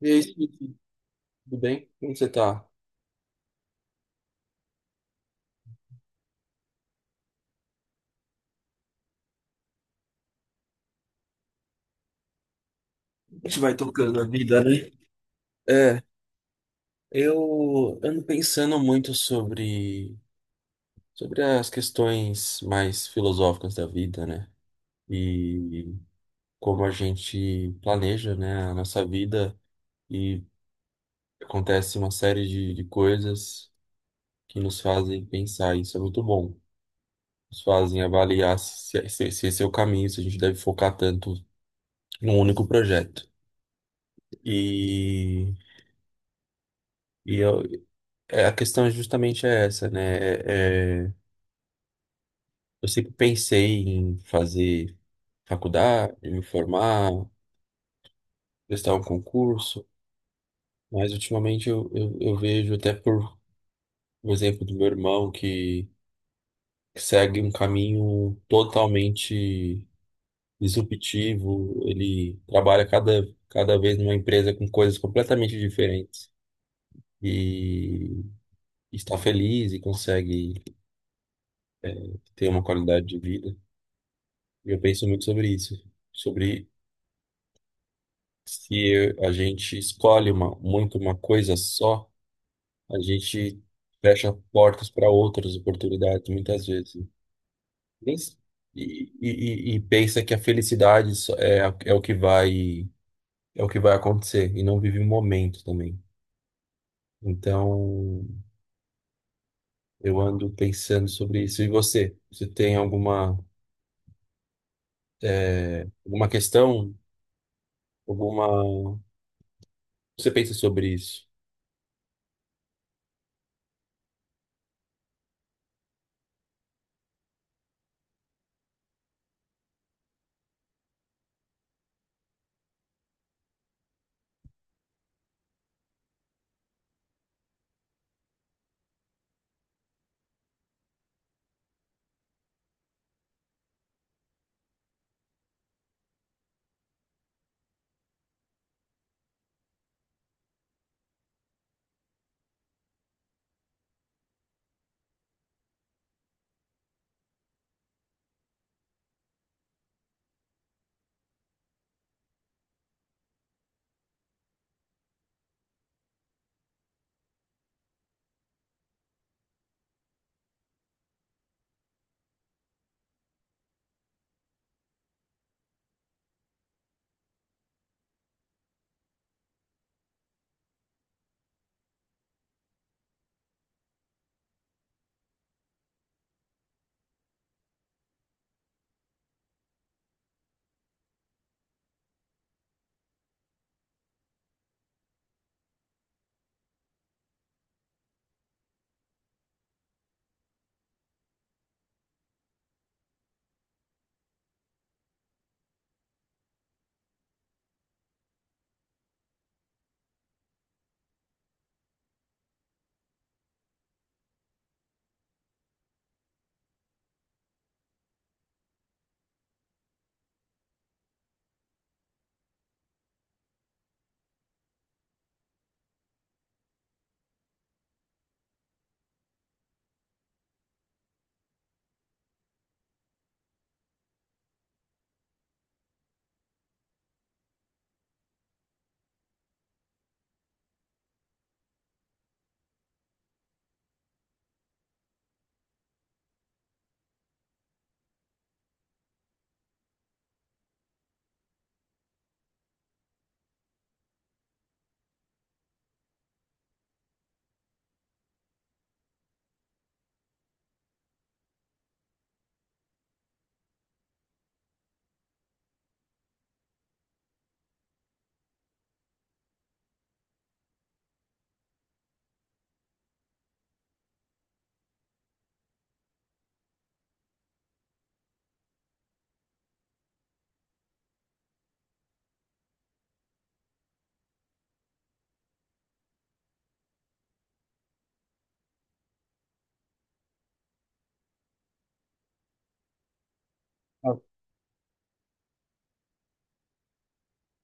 E aí, Suzy, tudo bem? Como você tá? A gente vai tocando a vida, né? É, eu ando pensando muito sobre as questões mais filosóficas da vida, né? E como a gente planeja, né, a nossa vida e acontece uma série de coisas que nos fazem pensar, isso é muito bom. Nos fazem avaliar se esse é o caminho, se a gente deve focar tanto num único projeto. E. E eu, a questão justamente é essa, né? Eu sempre pensei em fazer faculdade, em me formar, prestar um concurso, mas ultimamente eu vejo até por o exemplo do meu irmão que segue um caminho totalmente disruptivo. Ele trabalha cada vez numa empresa com coisas completamente diferentes e está feliz e consegue ter uma qualidade de vida. E eu penso muito sobre isso, sobre se a gente escolhe uma, muito uma coisa só, a gente fecha portas para outras oportunidades, muitas vezes. Nem s- E pensa que a felicidade é o que vai acontecer, e não vive o momento também. Então, eu ando pensando sobre isso. E você? Você tem alguma, alguma questão? Alguma... Você pensa sobre isso?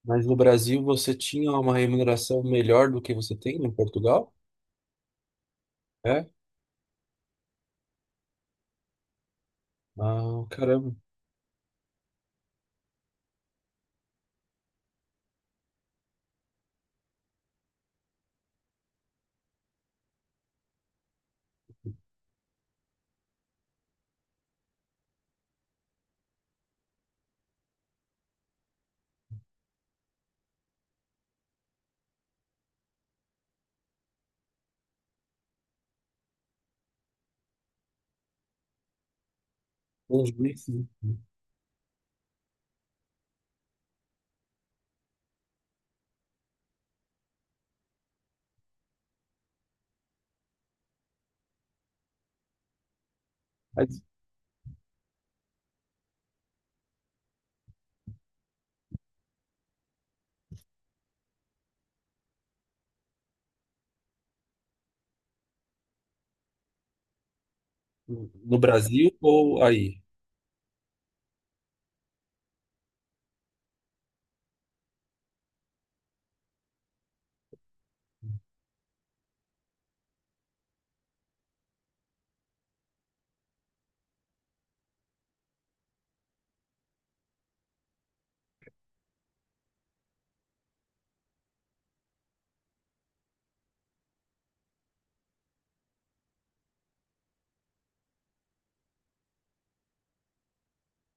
Mas no Brasil você tinha uma remuneração melhor do que você tem em Portugal? É? Ah, caramba. Uns demais, sim. Mas... No Brasil ou aí?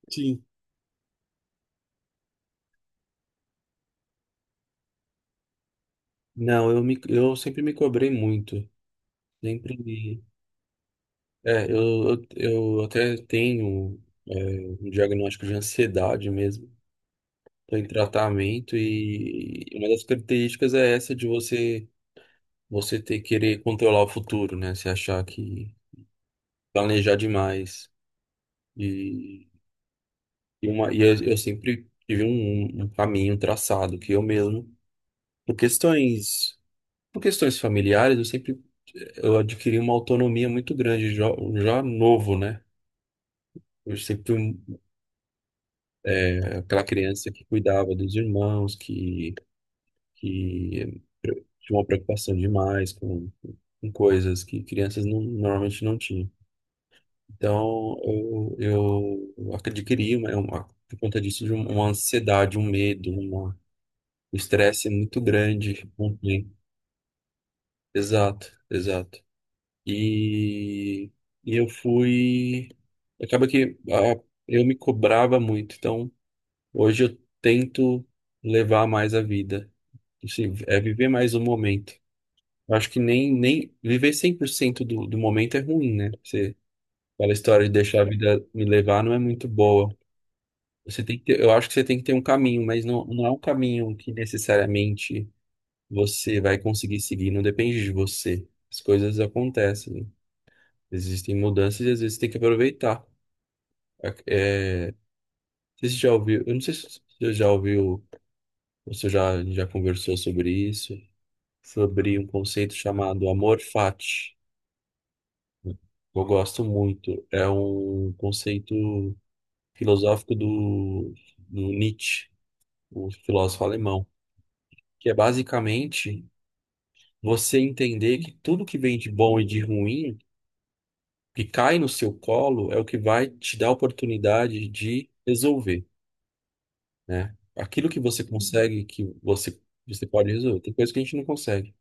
Sim. Não, eu sempre me cobrei muito. Sempre me... É, eu, eu, eu até tenho, é, um diagnóstico de ansiedade mesmo. Estou em tratamento, e uma das características é essa de você ter, querer controlar o futuro, né? Você achar que planejar demais. E... E eu sempre tive um, um caminho um traçado que eu mesmo, por questões, por questões familiares, eu adquiri uma autonomia muito grande já novo, né? Eu sempre fui aquela criança que cuidava dos irmãos, que tinha uma preocupação demais com coisas que crianças normalmente não tinham. Então, eu adquiri por conta disso, de uma ansiedade, um medo. O estresse é muito grande. Ontem... Exato, exato. E, e eu fui... Acaba que, eu me cobrava muito. Então, hoje eu tento levar mais a vida. Assim, é viver mais o momento. Eu acho que nem viver 100% do momento é ruim, né? Você... aquela história de deixar a vida me levar não é muito boa. Você tem que ter... eu acho que você tem que ter um caminho, mas não, não é um caminho que necessariamente você vai conseguir seguir, não depende de você. As coisas acontecem, né? Existem mudanças e às vezes tem que aproveitar. É, é, você já ouviu... eu não sei se você já ouviu, ou se já conversou sobre isso, sobre um conceito chamado amor fati. Eu gosto muito, é um conceito filosófico do Nietzsche, o filósofo alemão, que é basicamente você entender que tudo que vem de bom e de ruim que cai no seu colo é o que vai te dar a oportunidade de resolver, né? Aquilo que você consegue, que você pode resolver. Tem coisa que a gente não consegue.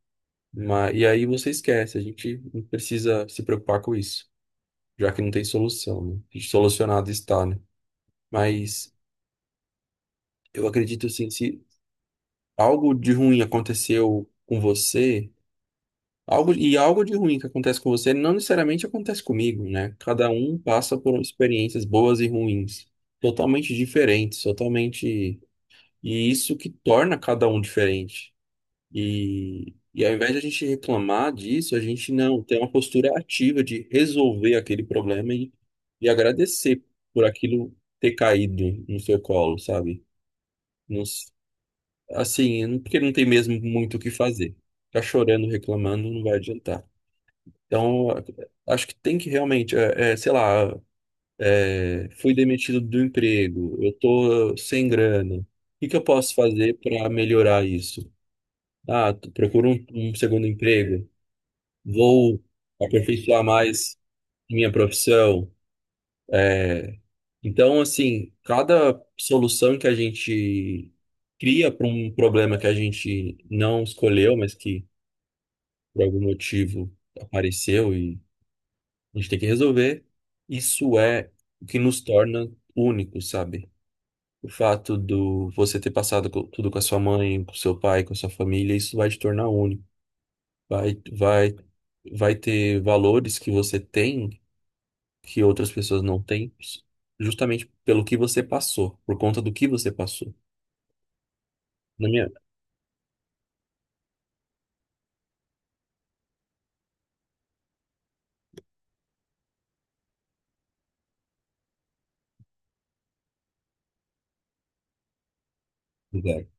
Mas, e aí você esquece, a gente não precisa se preocupar com isso, já que não tem solução, né? E solucionado está, né? Mas eu acredito assim, se algo de ruim aconteceu com você... algo, e algo de ruim que acontece com você não necessariamente acontece comigo, né? Cada um passa por experiências boas e ruins totalmente diferentes, totalmente. E isso que torna cada um diferente. E e ao invés de a gente reclamar disso, a gente não tem uma postura ativa de resolver aquele problema e agradecer por aquilo ter caído no seu colo, sabe? Não s- assim, porque não tem mesmo muito o que fazer. Ficar chorando, reclamando, não vai adiantar. Então, acho que tem que realmente, sei lá, fui demitido do emprego, eu tô sem grana. O que que eu posso fazer para melhorar isso? Ah, procuro um, um segundo emprego, vou aperfeiçoar mais minha profissão. Então, assim, cada solução que a gente cria para um problema que a gente não escolheu, mas que por algum motivo apareceu, a gente tem que resolver. Isso é o que nos torna únicos, sabe? O fato do você ter passado tudo com a sua mãe, com seu pai, com a sua família, isso vai te tornar único. Vai, vai, vai ter valores que você tem que outras pessoas não têm, justamente pelo que você passou, por conta do que você passou. Na minha... Exato.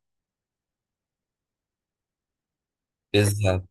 Exato.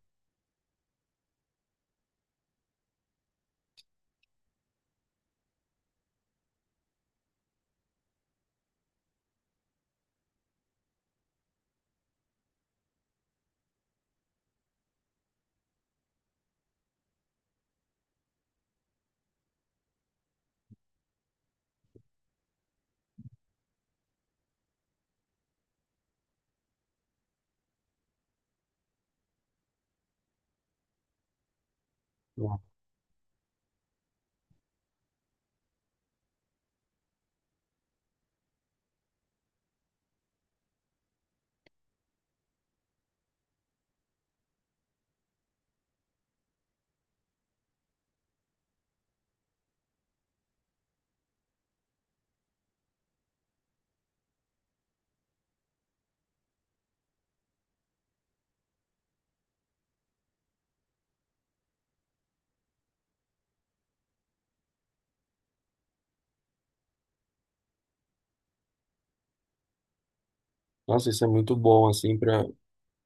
Nossa, isso é muito bom, assim, para...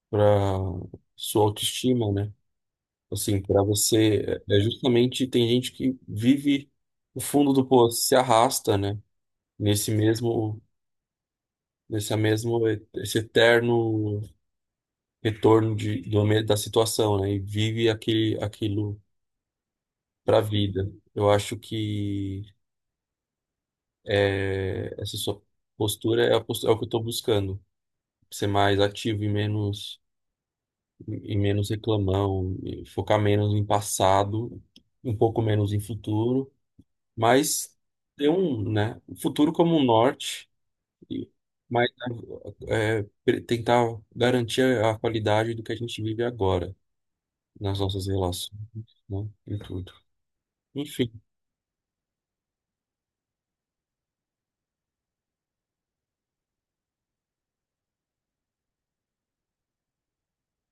para sua autoestima, né? Assim, para você, é... é justamente tem gente que vive o fundo do poço, se arrasta, né? Nesse mesmo, nesse mesmo, esse eterno retorno da situação, né? E vive aquele, aquilo para a vida. Eu acho que, essa sua postura, é o que eu estou buscando. Ser mais ativo e menos, reclamão, e focar menos em passado, um pouco menos em futuro. Mas ter um, né, um futuro como um norte, e- mas, tentar garantir a qualidade do que a gente vive agora, nas nossas relações, né, em tudo. Enfim,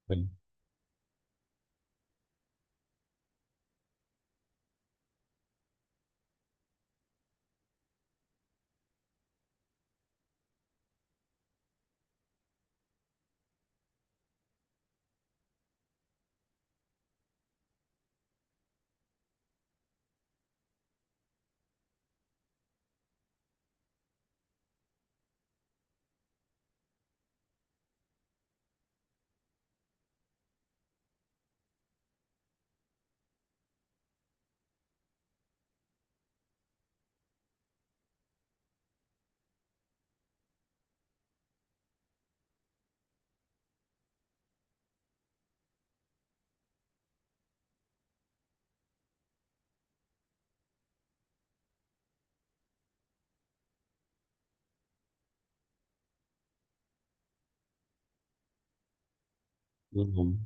bem, não vamos.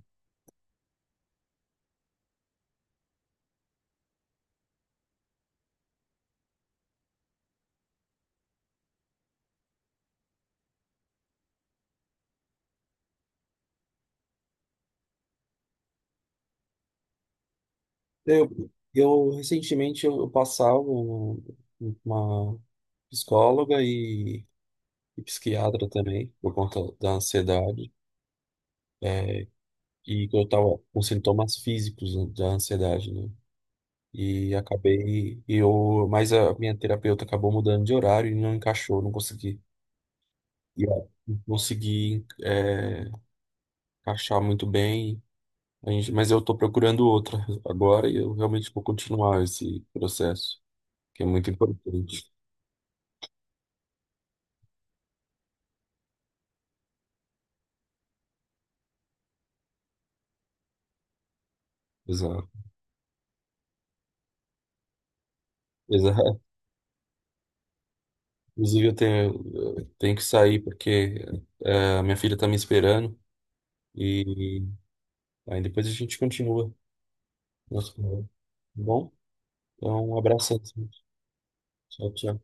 eu, eu recentemente eu passava uma psicóloga e psiquiatra também, por conta da ansiedade, é, e que eu estava com sintomas físicos da ansiedade, né? E acabei, mas a minha terapeuta acabou mudando de horário e não encaixou, não consegui. E eu não consegui, encaixar muito bem, mas eu estou procurando outra agora e eu realmente vou continuar esse processo, que é muito importante. Exato. Exato. Inclusive, eu tenho que sair porque, a minha filha está me esperando, e aí depois a gente continua nosso... tá bom? Então, um abraço. Tchau, tchau.